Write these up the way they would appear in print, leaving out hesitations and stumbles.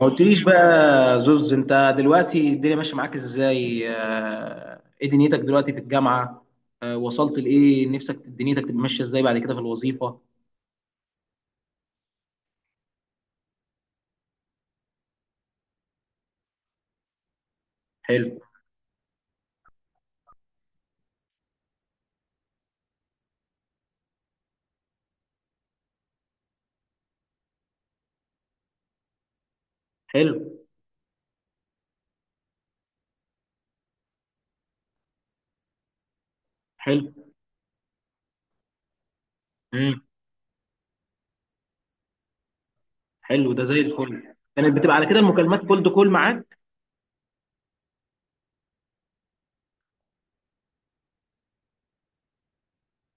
ما قلتليش بقى، زوز. انت دلوقتي الدنيا ماشيه معاك ازاي؟ ايه دنيتك دلوقتي في الجامعه؟ وصلت لايه نفسك دنيتك تبقى ماشيه ازاي بعد كده في الوظيفه؟ حلو. حلو. حلو. امم. حلو، ده زي الفل. كانت بتبقى على كده المكالمات كولد كول معاك؟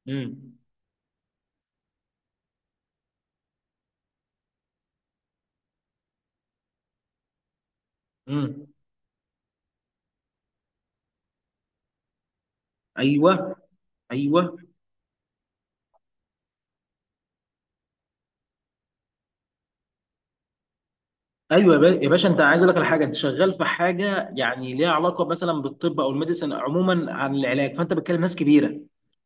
امم. امم. ايوه. ايوه. ايوه يا باشا، انت عايز اقول لك على حاجه. انت شغال في حاجه يعني ليها علاقه مثلا بالطب او الميديسن عموما عن العلاج، فانت بتكلم ناس كبيره.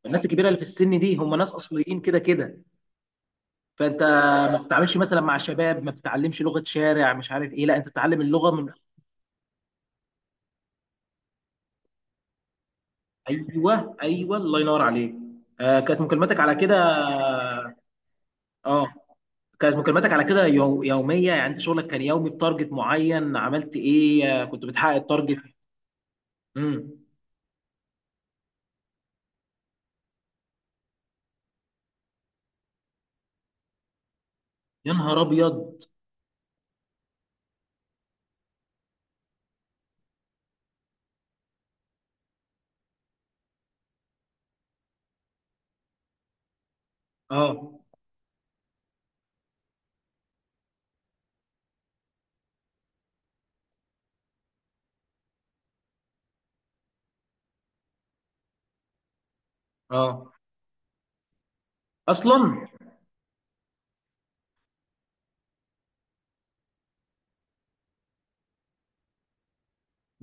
الناس الكبيره اللي في السن دي هم ناس اصليين كده كده. فانت ما بتتعاملش مثلا مع شباب، ما بتتعلمش لغه شارع مش عارف ايه، لا انت بتتعلم اللغه من... ايوه، ايوه، الله ينور عليك. كانت مكالماتك على كده. اه. كانت مكالماتك على كده يوميه؟ يعني انت شغلك كان يومي بتارجت معين، عملت ايه؟ كنت بتحقق التارجت؟ امم. يا نهار ابيض. اه. اه. اصلا.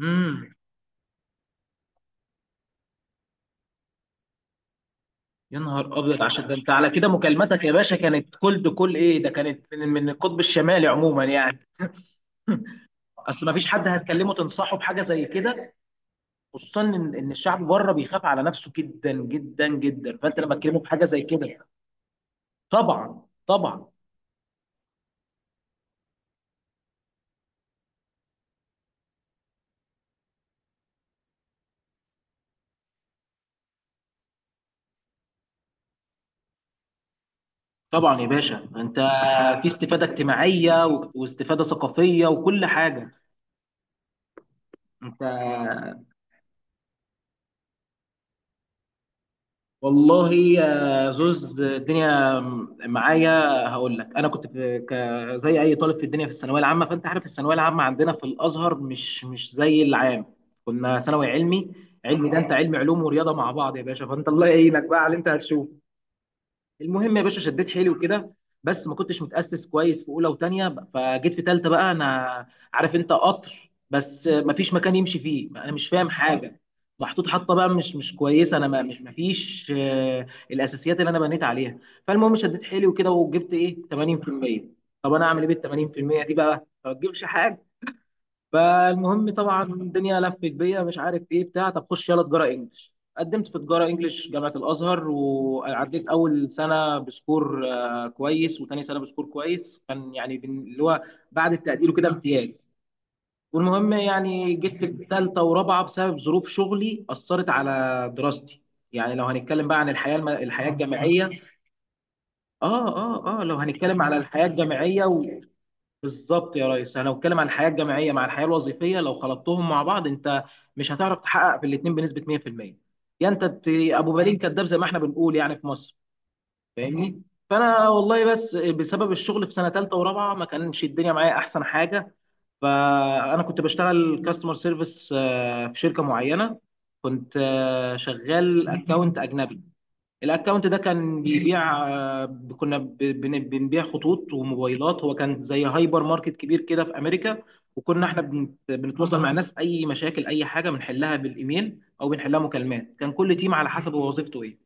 امم. يا نهار ابيض، عشان ده انت على كده مكالماتك يا باشا كانت كولد كل ايه؟ ده كانت من القطب الشمالي عموما يعني. اصل ما فيش حد هتكلمه تنصحه بحاجه زي كده، خصوصا ان الشعب بره بيخاف على نفسه جدا جدا جدا، فانت لما تكلمه بحاجه زي كده. طبعا، طبعا. طبعا يا باشا، انت في استفاده اجتماعيه واستفاده ثقافيه وكل حاجه. انت، والله يا زوز الدنيا معايا، هقول لك. انا كنت في زي اي طالب في الدنيا في الثانويه العامه، فانت عارف الثانويه العامه عندنا في الازهر مش زي العام. كنا ثانوي علمي. علمي ده انت علمي، علوم ورياضه مع بعض يا باشا، فانت الله يعينك بقى على اللي انت هتشوفه. المهم يا باشا، شديت حيلي وكده، بس ما كنتش متأسس كويس في اولى وتانية. فجيت في تالتة بقى، انا عارف انت قطر بس ما فيش مكان يمشي فيه، انا مش فاهم حاجة. محطوط حطة بقى مش كويسة، انا ما مش ما فيش الاساسيات اللي انا بنيت عليها. فالمهم، شديت حيلي وكده وجبت ايه، 80%. طب انا اعمل ايه بال 80% دي بقى؟ ما تجيبش حاجة. فالمهم طبعا الدنيا لفت بيا، مش عارف ايه بتاع طب، خش يلا تجاره انجلش. قدمت في تجاره انجلش جامعه الازهر، وعديت اول سنه بسكور كويس، وتاني سنه بسكور كويس كان يعني، اللي هو بعد التقدير وكده، امتياز. والمهم يعني جيت في ثالثه ورابعه بسبب ظروف شغلي اثرت على دراستي. يعني لو هنتكلم بقى عن الحياه الجامعيه، اه، اه، اه، لو هنتكلم على الحياه الجامعيه. بالظبط يا ريس، انا بتكلم عن الحياه الجامعيه مع الحياه الوظيفيه، لو خلطتهم مع بعض انت مش هتعرف تحقق في الاثنين بنسبه 100%. يا انت ابو بالين كداب زي ما احنا بنقول يعني في مصر، فاهمني. فانا والله بس بسبب الشغل في سنه ثالثه ورابعه ما كانش الدنيا معايا احسن حاجه. فانا كنت بشتغل كاستمر سيرفيس في شركه معينه. كنت شغال اكونت اجنبي. الاكونت ده كان بيبيع كنا بنبيع خطوط وموبايلات، هو كان زي هايبر ماركت كبير كده في امريكا. وكنا احنا بنتواصل مع ناس، اي مشاكل، اي حاجه بنحلها بالايميل او بنحلها مكالمات. كان كل تيم على حسب هو وظيفته ايه.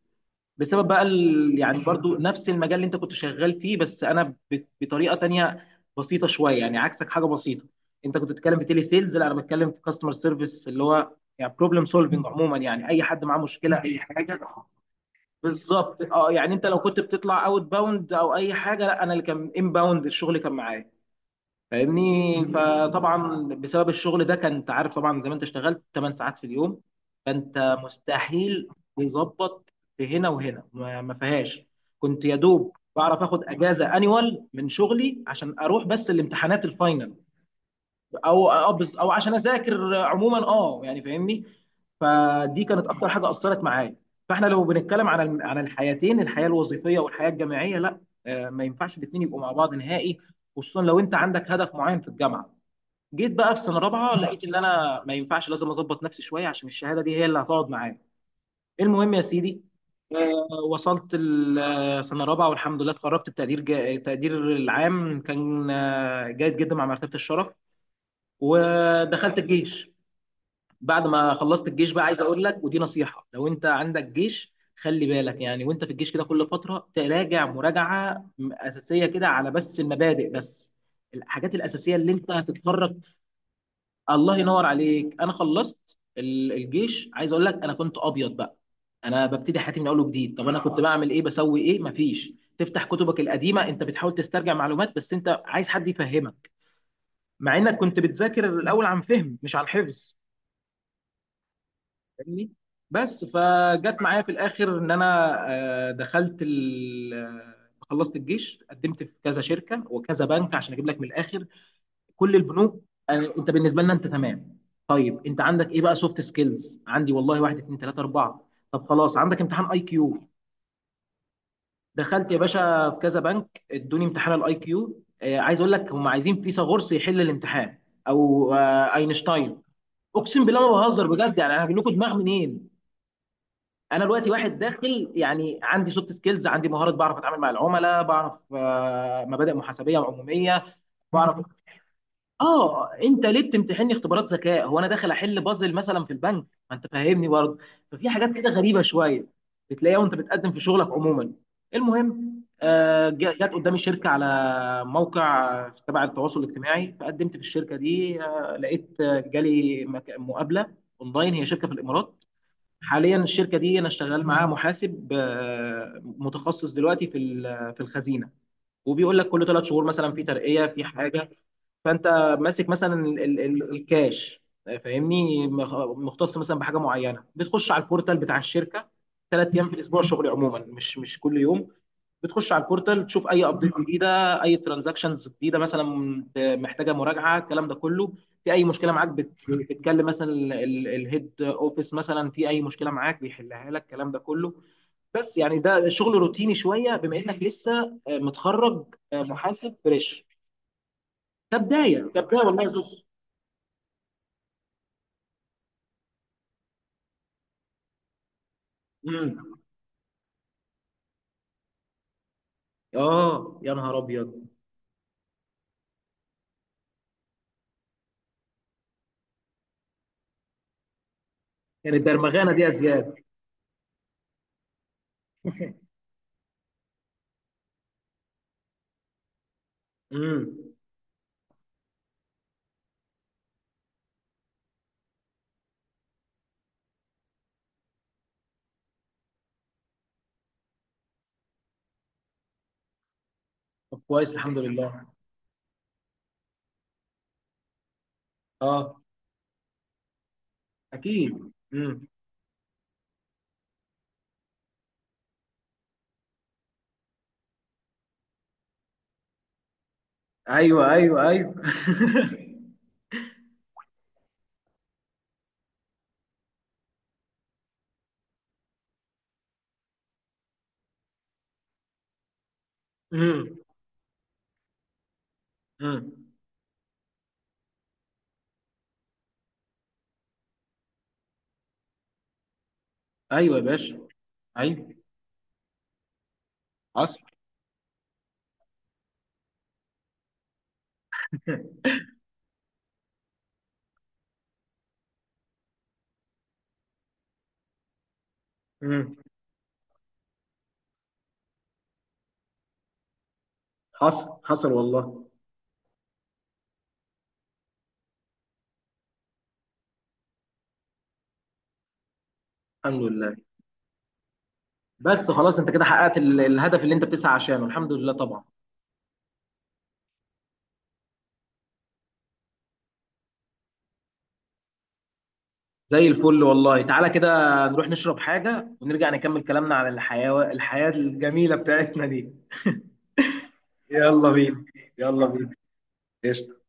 بسبب بقى يعني برضو نفس المجال اللي انت كنت شغال فيه، بس انا بطريقه تانية بسيطه شويه يعني، عكسك، حاجه بسيطه. انت كنت بتتكلم في تيلي سيلز، لا انا بتكلم في كاستمر سيرفيس اللي هو يعني بروبلم سولفنج عموما، يعني اي حد معاه مشكله، اي حاجه. بالظبط. اه يعني، انت لو كنت بتطلع اوت باوند او اي حاجه، لا انا اللي كان ان باوند، الشغل كان معايا، فاهمني. فطبعا بسبب الشغل ده، كان انت عارف طبعا زي ما انت اشتغلت 8 ساعات في اليوم، فانت مستحيل تظبط في هنا وهنا، ما فيهاش. كنت يا دوب بعرف اخد اجازه انيوال من شغلي عشان اروح بس الامتحانات الفاينل، او عشان اذاكر عموما. اه يعني فاهمني. فدي كانت اكتر حاجه اثرت معايا. فاحنا لو بنتكلم عن عن الحياتين، الحياه الوظيفيه والحياه الجامعيه، لا، ما ينفعش الاثنين يبقوا مع بعض نهائي، خصوصا لو انت عندك هدف معين في الجامعه. جيت بقى في سنه رابعه، لقيت ان انا ما ينفعش، لازم اظبط نفسي شويه عشان الشهاده دي هي اللي هتقعد معايا. المهم يا سيدي، وصلت السنه رابعه والحمد لله اتخرجت بتقدير تقدير العام كان جيد جدا مع مرتبه الشرف. ودخلت الجيش. بعد ما خلصت الجيش بقى، عايز اقول لك ودي نصيحه، لو انت عندك جيش خلي بالك. يعني وانت في الجيش كده كل فتره تراجع مراجعه اساسيه كده على بس المبادئ بس، الحاجات الاساسيه اللي انت هتتفرج. الله ينور عليك. انا خلصت الجيش. عايز اقول لك، انا كنت ابيض بقى، انا ببتدي حياتي من اول وجديد. طب انا كنت بعمل ايه؟ بسوي ايه؟ مفيش، تفتح كتبك القديمه، انت بتحاول تسترجع معلومات بس انت عايز حد يفهمك، مع انك كنت بتذاكر الاول عن فهم مش عن حفظ، فاهمني. بس فجت معايا في الاخر ان انا آه، دخلت ال... آه، خلصت الجيش، قدمت في كذا شركه وكذا بنك عشان اجيب لك من الاخر. كل البنوك، انت بالنسبه لنا انت تمام. طيب انت عندك ايه بقى؟ سوفت سكيلز عندي والله، واحد اتنين تلاته اربعه. طب خلاص، عندك امتحان اي كيو. دخلت يا باشا في كذا بنك، ادوني امتحان الاي كيو. عايز اقول لك، هم عايزين فيثاغورس يحل الامتحان، او اينشتاين. اقسم بالله ما بهزر بجد يعني، انا هجيب لكم دماغ منين؟ انا دلوقتي واحد داخل، يعني عندي سوفت سكيلز، عندي مهارات، بعرف اتعامل مع العملاء، بعرف مبادئ محاسبيه وعموميه، بعرف. اه، انت ليه بتمتحني اختبارات ذكاء؟ هو انا داخل احل بازل مثلا في البنك؟ ما انت فاهمني برضه. ففي حاجات كده غريبه شويه بتلاقيها وانت بتقدم في شغلك عموما. المهم جت قدامي شركه على موقع تبع التواصل الاجتماعي، فقدمت في الشركه دي. لقيت جالي مقابله اونلاين، هي شركه في الامارات. حاليا الشركه دي انا شغال معاها محاسب متخصص دلوقتي في الخزينه. وبيقول لك كل ثلاث شهور مثلا في ترقيه في حاجه. فانت ماسك مثلا الكاش، فاهمني، مختص مثلا بحاجه معينه. بتخش على البورتال بتاع الشركه ثلاث ايام في الاسبوع، شغل عموما مش كل يوم. بتخش على البورتال تشوف اي ابديت جديده، اي ترانزاكشنز جديده مثلا محتاجه مراجعه، الكلام ده كله. في اي مشكله معاك بتتكلم مثلا الهيد اوفيس، مثلا في اي مشكله معاك بيحلها لك، الكلام ده كله. بس يعني ده شغل روتيني شويه بما انك لسه متخرج، محاسب فريش. ده بدايه، ده بدايه والله يا زوز. امم. اه. يا نهار ابيض. يعني الدرمغانه دي يا زياد. امم. طب كويس، الحمد لله. اه. اكيد. امم. ايوه. ايوه. ايوه. مم. مم. ايوه يا باشا. ايوه. حصل. مم. حصل حصل والله. الحمد لله. بس خلاص، انت كده حققت الهدف اللي انت بتسعى عشانه، الحمد لله طبعا. زي الفل والله تعالى كده. نروح نشرب حاجة ونرجع نكمل كلامنا على الحياة، الحياة الجميلة بتاعتنا دي. يلا بينا. يلا بينا. قشطة.